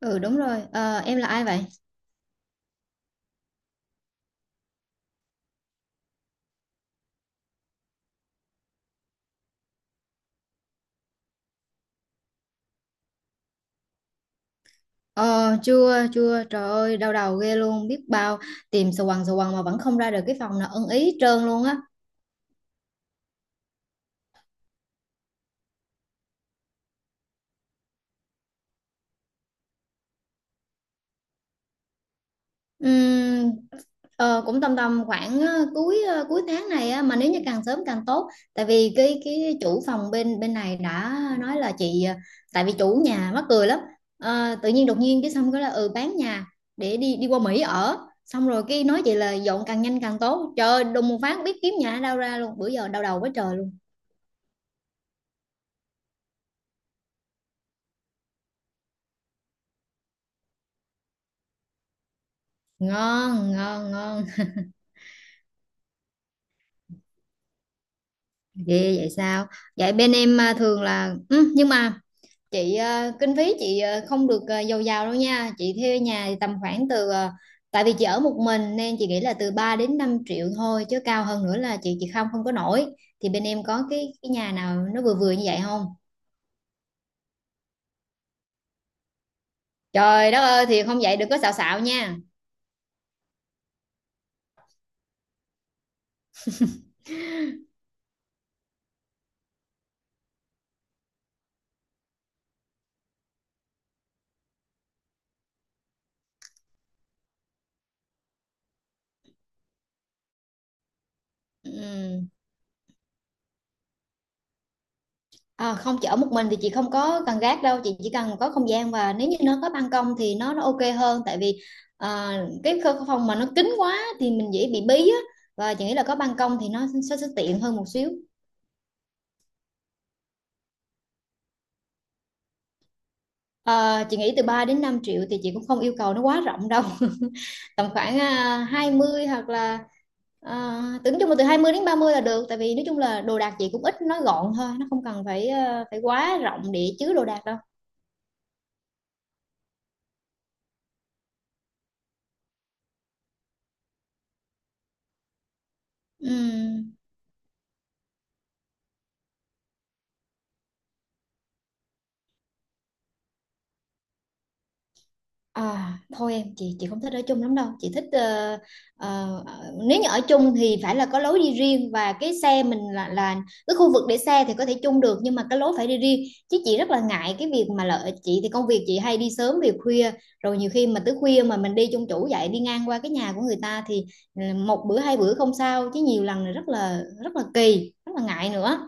Ừ Đúng rồi. Ờ, em là ai vậy? Ờ Chưa chưa, trời ơi đau đầu ghê luôn, biết bao tìm sờ quần mà vẫn không ra được cái phòng nào ưng ý hết trơn luôn á. Ừm, cũng tầm tầm khoảng cuối tháng này á, mà nếu như càng sớm càng tốt, tại vì cái chủ phòng bên bên này đã nói là chị tại vì chủ nhà mắc cười lắm. Tự nhiên đột nhiên cái xong cái là ừ bán nhà để đi đi qua Mỹ ở, xong rồi cái nói chị là dọn càng nhanh càng tốt, trời ơi đùng một phát biết kiếm nhà ở đâu ra luôn, bữa giờ đau đầu quá trời luôn. Ngon ngon ngon. Ghê vậy sao? Vậy bên em thường là ừ, nhưng mà chị kinh phí chị không được giàu giàu đâu nha, chị thuê nhà thì tầm khoảng từ tại vì chị ở một mình nên chị nghĩ là từ 3 đến 5 triệu thôi, chứ cao hơn nữa là chị không không có nổi. Thì bên em có cái nhà nào nó vừa vừa như vậy không? Trời đất ơi, thì không vậy đừng có xạo xạo nha. Ừ. À không, chị ở một mình thì chị không có cần gác đâu, chị chỉ cần có không gian và nếu như nó có ban công thì nó ok hơn, tại vì à, phòng mà nó kín quá thì mình dễ bị bí á, và chị nghĩ là có ban công thì nó sẽ tiện hơn một xíu. Chị nghĩ từ 3 đến 5 triệu thì chị cũng không yêu cầu nó quá rộng đâu. Tầm khoảng 20 hoặc là tưởng chung là từ 20 đến 30 là được, tại vì nói chung là đồ đạc chị cũng ít, nó gọn thôi, nó không cần phải phải quá rộng để chứa đồ đạc đâu. Ừm. À thôi em, chị không thích ở chung lắm đâu, chị thích ờ, nếu như ở chung thì phải là có lối đi riêng, và cái xe mình là cái khu vực để xe thì có thể chung được, nhưng mà cái lối phải đi riêng. Chứ chị rất là ngại cái việc mà lợi chị thì công việc chị hay đi sớm về khuya, rồi nhiều khi mà tới khuya mà mình đi chung chủ vậy, đi ngang qua cái nhà của người ta thì ừ, một bữa hai bữa không sao, chứ nhiều lần là rất là rất là kỳ, rất là ngại nữa.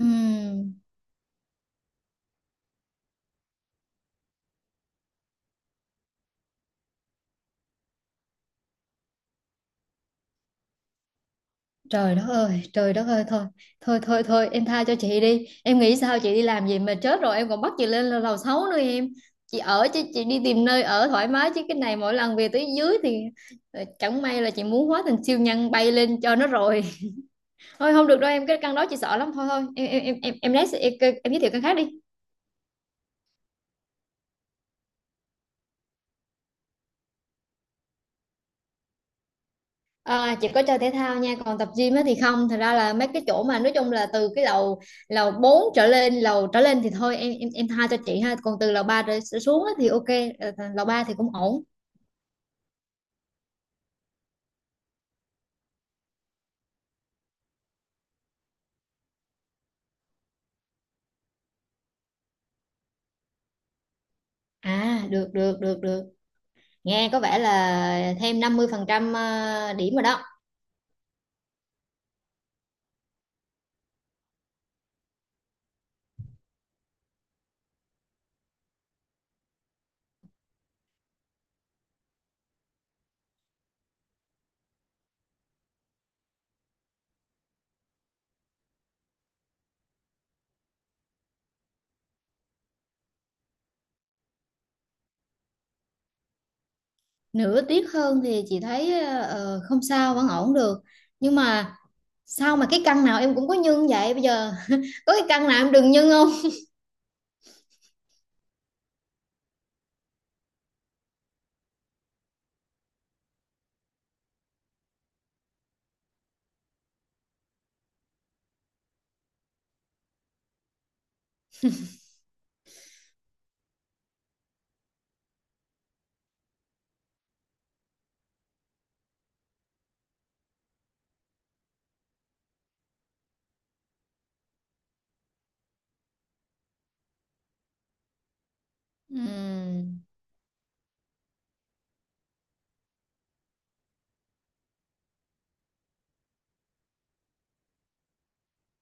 Ừm. Trời đất ơi thôi, thôi em tha cho chị đi. Em nghĩ sao chị đi làm gì mà chết rồi em còn bắt chị lên lầu lầu sáu nữa em. Chị ở chứ, chị đi tìm nơi ở thoải mái, chứ cái này mỗi lần về tới dưới thì chẳng may là chị muốn hóa thành siêu nhân bay lên cho nó rồi. Thôi không được đâu em, cái căn đó chị sợ lắm, thôi thôi. Em lấy em giới thiệu căn khác đi. À, chỉ có chơi thể thao nha, còn tập gym á thì không, thật ra là mấy cái chỗ mà nói chung là từ cái lầu lầu 4 trở lên lầu trở lên thì thôi, em tha cho chị ha, còn từ lầu ba trở trở xuống á thì ok. Lầu ba thì cũng ổn. À được được, nghe có vẻ là thêm 50% điểm rồi đó. Nửa tiết hơn thì chị thấy không sao, vẫn ổn được. Nhưng mà sao mà cái căn nào em cũng có nhân vậy bây giờ? Có cái căn nào em đừng nhân không? Ừm,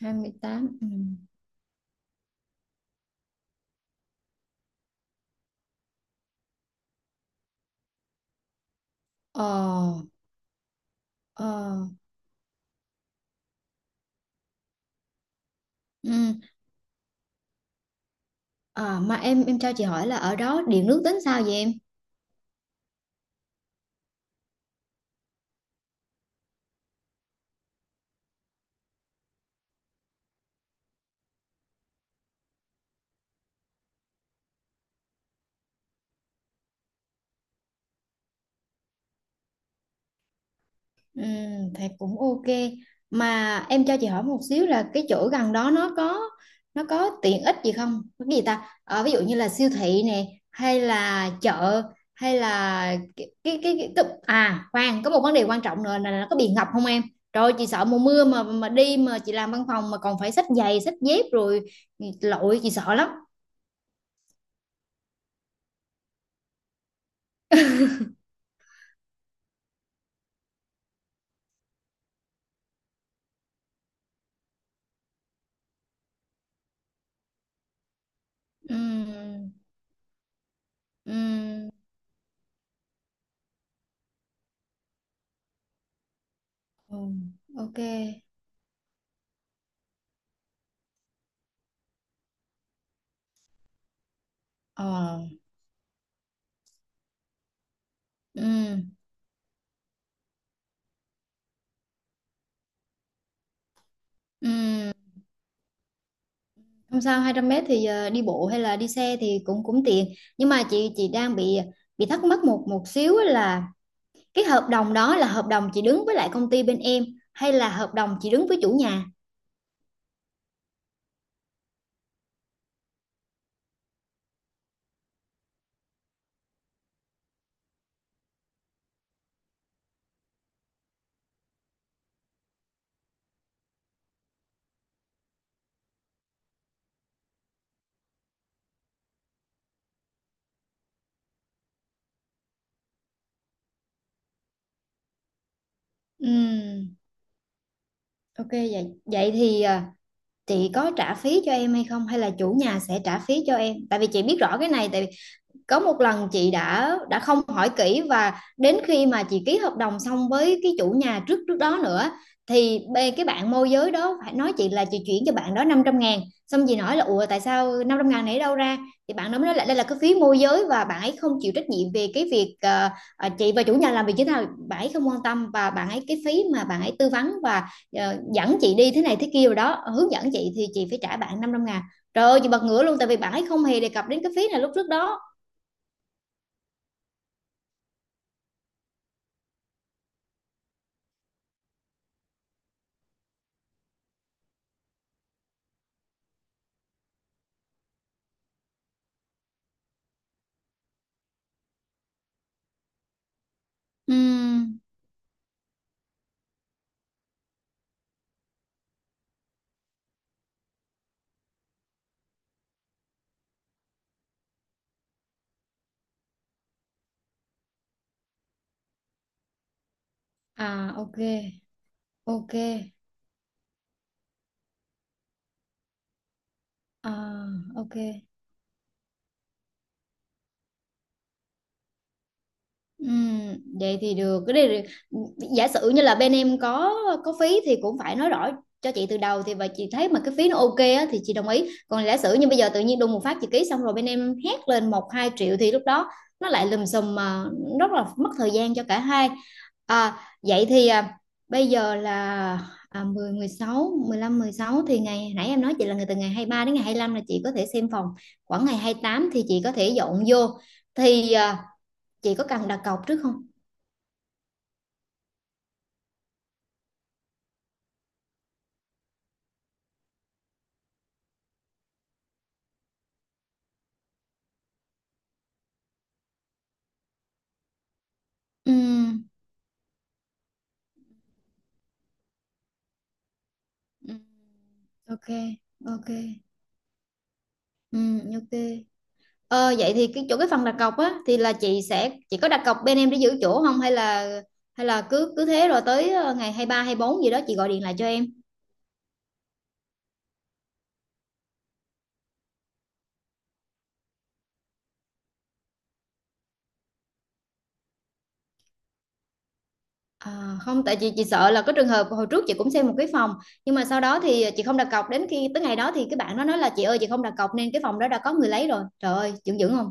28, ừ. Ờ. Ờ, ừ. À, mà em cho chị hỏi là ở đó điện nước tính sao vậy em? Ừ, thì cũng ok. Mà em cho chị hỏi một xíu là cái chỗ gần đó nó có tiện ích gì không? Có cái gì ta? Ờ, ví dụ như là siêu thị nè, hay là chợ, hay là à khoan, có một vấn đề quan trọng nữa là nó có bị ngập không em? Rồi chị sợ mùa mưa mà đi mà chị làm văn phòng mà còn phải xách giày, xách dép rồi lội, chị sợ lắm. Ừ. Ừ. Ừ, ok. Ờ, ừ, ừ. Không sao, 200 m thì đi bộ hay là đi xe thì cũng cũng tiện. Nhưng mà chị đang bị thắc mắc một một xíu á là cái hợp đồng đó là hợp đồng chị đứng với lại công ty bên em, hay là hợp đồng chị đứng với chủ nhà? Ừ, ok vậy. Vậy thì chị có trả phí cho em hay không hay là chủ nhà sẽ trả phí cho em? Tại vì chị biết rõ cái này, tại có một lần chị đã không hỏi kỹ, và đến khi mà chị ký hợp đồng xong với cái chủ nhà trước trước đó nữa thì bê cái bạn môi giới đó phải nói chị là chị chuyển cho bạn đó 500.000. Xong chị nói là ủa tại sao 500.000 này đâu ra? Thì bạn đó mới nói là đây là cái phí môi giới, và bạn ấy không chịu trách nhiệm về cái việc chị và chủ nhà làm việc như thế nào, bạn ấy không quan tâm, và bạn ấy cái phí mà bạn ấy tư vấn và dẫn chị đi thế này thế kia rồi đó hướng dẫn chị thì chị phải trả bạn 500.000. Trời ơi, chị bật ngửa luôn, tại vì bạn ấy không hề đề cập đến cái phí này lúc trước đó. Ừ. À ok, ok, à ok. Ừm, vậy thì được, cái này giả sử như là bên em có phí thì cũng phải nói rõ cho chị từ đầu, thì và chị thấy mà cái phí nó ok á thì chị đồng ý, còn giả sử như bây giờ tự nhiên đùng một phát chị ký xong rồi bên em hét lên 1-2 triệu thì lúc đó nó lại lùm xùm, mà rất là mất thời gian cho cả hai. Vậy thì bây giờ là 10 16 15, 16 thì ngày nãy em nói chị là người từ ngày 23 đến ngày 25 là chị có thể xem phòng, khoảng ngày 28 thì chị có thể dọn vô. Thì chị có cần đặt cọc trước không? Ừm, ừm, ok, ok, ok. Ờ, vậy thì cái chỗ cái phần đặt cọc á thì là chị sẽ chị có đặt cọc bên em để giữ chỗ không, hay là hay là cứ cứ thế rồi tới ngày 23-24 gì đó chị gọi điện lại cho em. À không, tại chị sợ là có trường hợp hồi trước chị cũng xem một cái phòng, nhưng mà sau đó thì chị không đặt cọc, đến khi tới ngày đó thì cái bạn nó nói là chị ơi chị không đặt cọc nên cái phòng đó đã có người lấy rồi. Trời ơi, dựng dữ không?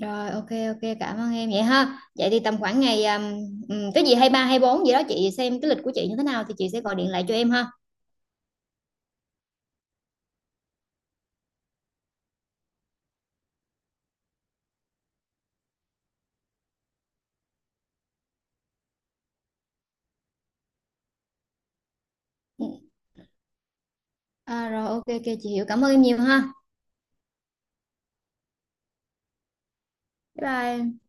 Rồi ok ok, cảm ơn em vậy ha. Vậy thì tầm khoảng ngày cái gì 23-24 gì đó chị xem cái lịch của chị như thế nào thì chị sẽ gọi điện lại cho em ha. Ừ. À, rồi ok ok chị hiểu, cảm ơn em nhiều ha. Bye bye.